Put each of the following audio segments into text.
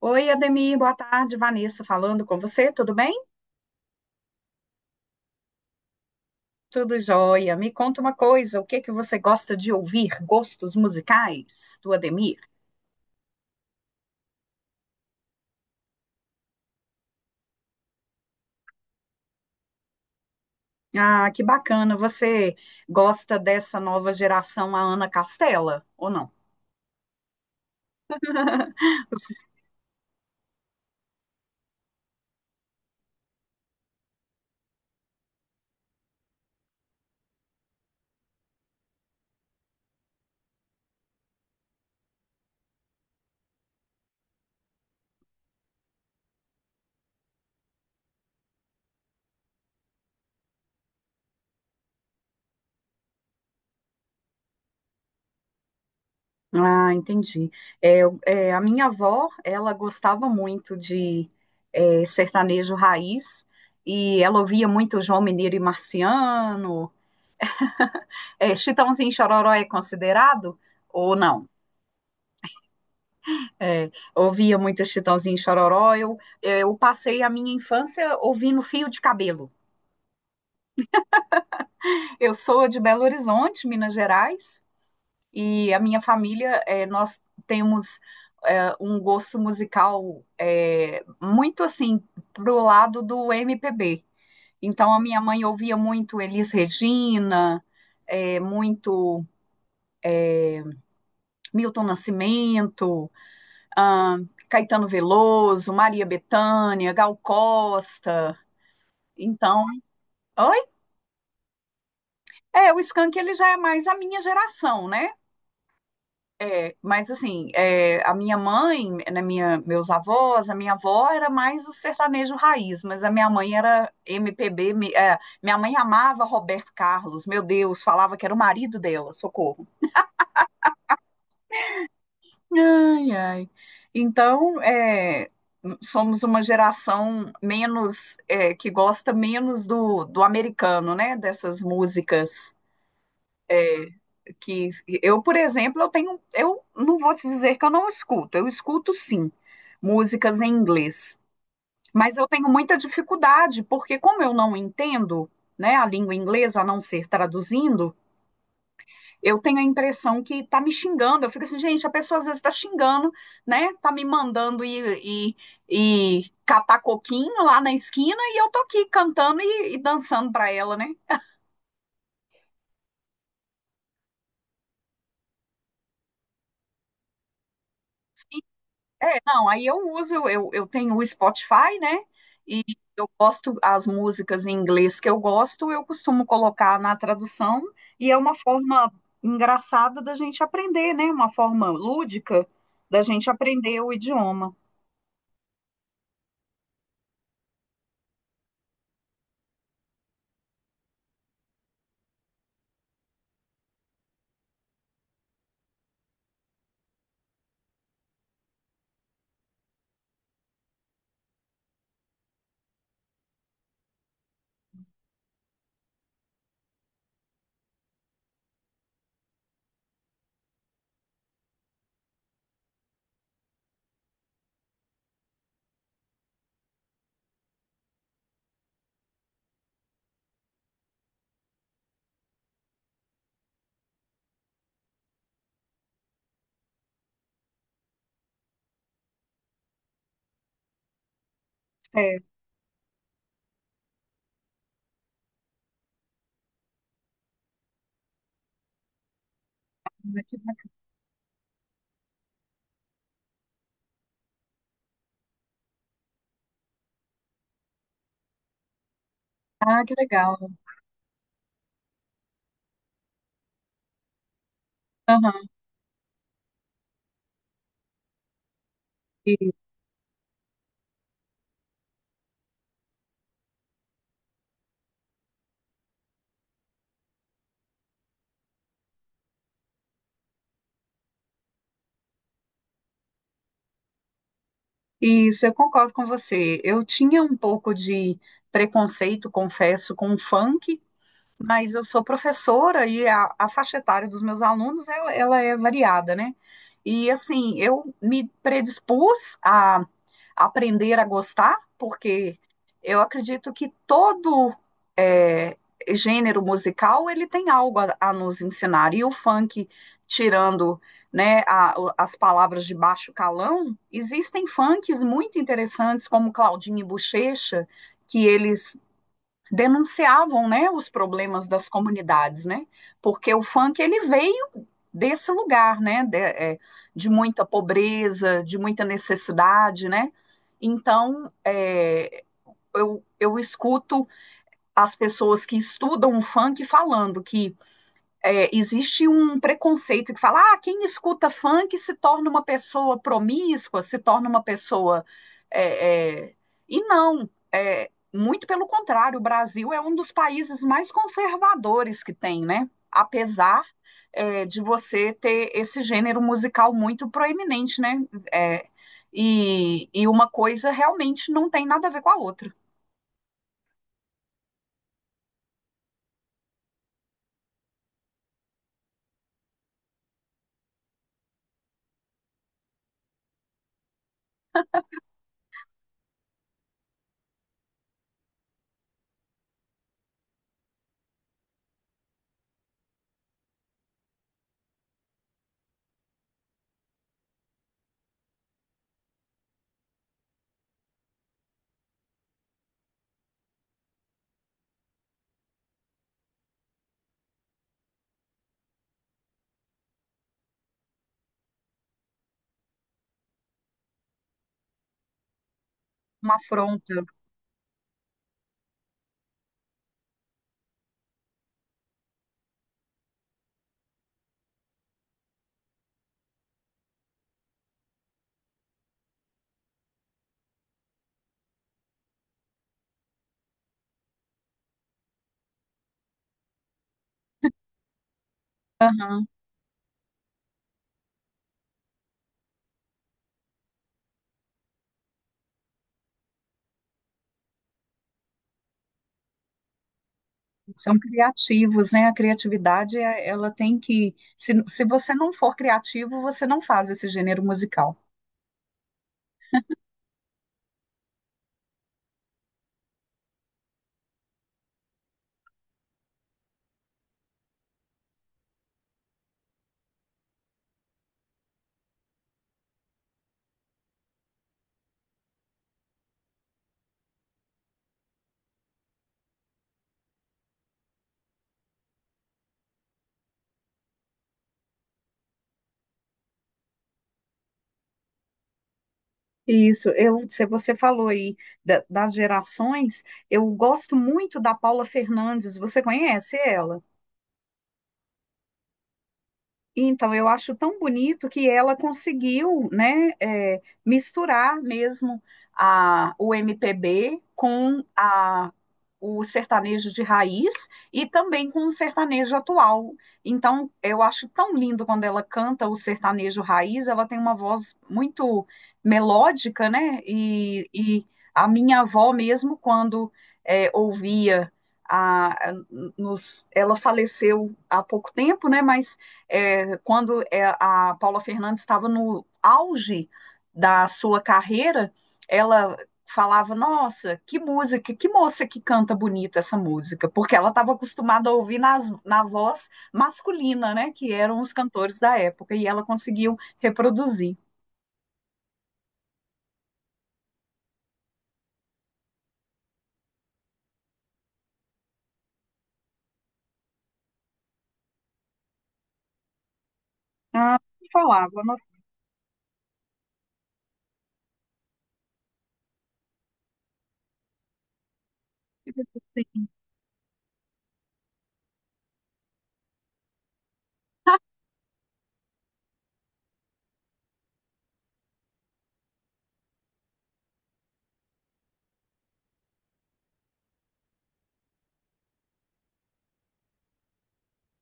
Oi, Ademir, boa tarde. Vanessa falando com você, tudo bem? Tudo jóia. Me conta uma coisa, o que que você gosta de ouvir? Gostos musicais do Ademir? Ah, que bacana. Você gosta dessa nova geração, a Ana Castela, ou não? Ah, entendi. A minha avó, ela gostava muito de sertanejo raiz e ela ouvia muito João Mineiro e Marciano. É, Chitãozinho e Chororó é considerado ou não? É, ouvia muito Chitãozinho e Chororó. Eu passei a minha infância ouvindo Fio de Cabelo. Eu sou de Belo Horizonte, Minas Gerais, e a minha família, é, nós temos um gosto musical muito assim pro lado do MPB. Então a minha mãe ouvia muito Elis Regina, é, muito Milton Nascimento, ah, Caetano Veloso, Maria Bethânia, Gal Costa. Então Oi? É, o Skank ele já é mais a minha geração, né? É, mas assim, é, a minha mãe, meus avós, a minha avó era mais o sertanejo raiz, mas a minha mãe era MPB, minha mãe amava Roberto Carlos, meu Deus, falava que era o marido dela, socorro. Ai, ai. Então, é, somos uma geração menos, é, que gosta menos do americano, né? Dessas músicas. É, que eu, por exemplo, eu tenho, eu não vou te dizer que eu não escuto, eu escuto sim músicas em inglês, mas eu tenho muita dificuldade, porque como eu não entendo, né, a língua inglesa, a não ser traduzindo, eu tenho a impressão que tá me xingando. Eu fico assim, gente, a pessoa às vezes tá xingando, né? Tá me mandando ir catar coquinho lá na esquina e eu tô aqui cantando e dançando para ela, né? É, não, aí eu uso, eu tenho o Spotify, né? E eu gosto, as músicas em inglês que eu gosto, eu costumo colocar na tradução, e é uma forma engraçada da gente aprender, né? Uma forma lúdica da gente aprender o idioma. É, que bacana, ah, que legal. Aham. E- Isso, eu concordo com você. Eu tinha um pouco de preconceito, confesso, com o funk, mas eu sou professora e a faixa etária dos meus alunos ela é variada, né? E assim, eu me predispus a aprender a gostar, porque eu acredito que todo é, gênero musical ele tem algo a nos ensinar. E o funk, tirando, né, as palavras de baixo calão, existem funks muito interessantes, como Claudinho e Buchecha, que eles denunciavam, né, os problemas das comunidades, né? Porque o funk ele veio desse lugar, né, de, é, de muita pobreza, de muita necessidade, né? Então, é, eu escuto as pessoas que estudam o funk falando que existe um preconceito que fala, ah, quem escuta funk se torna uma pessoa promíscua, se torna uma pessoa. é, é, E não, é, muito pelo contrário, o Brasil é um dos países mais conservadores que tem, né? Apesar, é, de você ter esse gênero musical muito proeminente, né? É, e uma coisa realmente não tem nada a ver com a outra, uma afronta. Aham. São criativos, né? A criatividade, é- ela tem que. Se você não for criativo, você não faz esse gênero musical. Isso, eu, se você falou aí das gerações, eu gosto muito da Paula Fernandes. Você conhece ela? Então, eu acho tão bonito que ela conseguiu, né, é, misturar mesmo o MPB com o sertanejo de raiz e também com o sertanejo atual. Então, eu acho tão lindo quando ela canta o sertanejo raiz, ela tem uma voz muito melódica, né? E a minha avó mesmo, quando é, ouvia a, a- nos, ela faleceu há pouco tempo, né? Mas é, quando é, a Paula Fernandes estava no auge da sua carreira, ela falava: Nossa, que música, que moça que canta bonito essa música, porque ela estava acostumada a ouvir nas, na voz masculina, né, que eram os cantores da época, e ela conseguiu reproduzir. Ah, falava, nossa,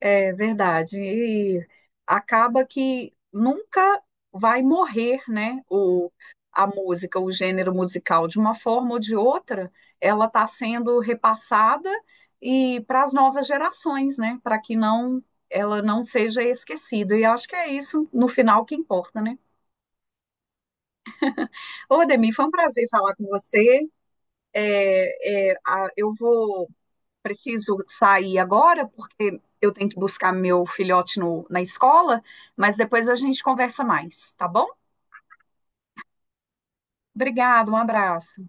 É verdade. E acaba que nunca vai morrer, né? O, a música, o gênero musical, de uma forma ou de outra, ela está sendo repassada e para as novas gerações, né? Para que não ela não seja esquecida. E acho que é isso, no final, que importa, né? Ô, Ademir, foi um prazer falar com você. É, é, a- eu vou preciso sair agora, porque eu tenho que buscar meu filhote na escola, mas depois a gente conversa mais, tá bom? Obrigada, um abraço.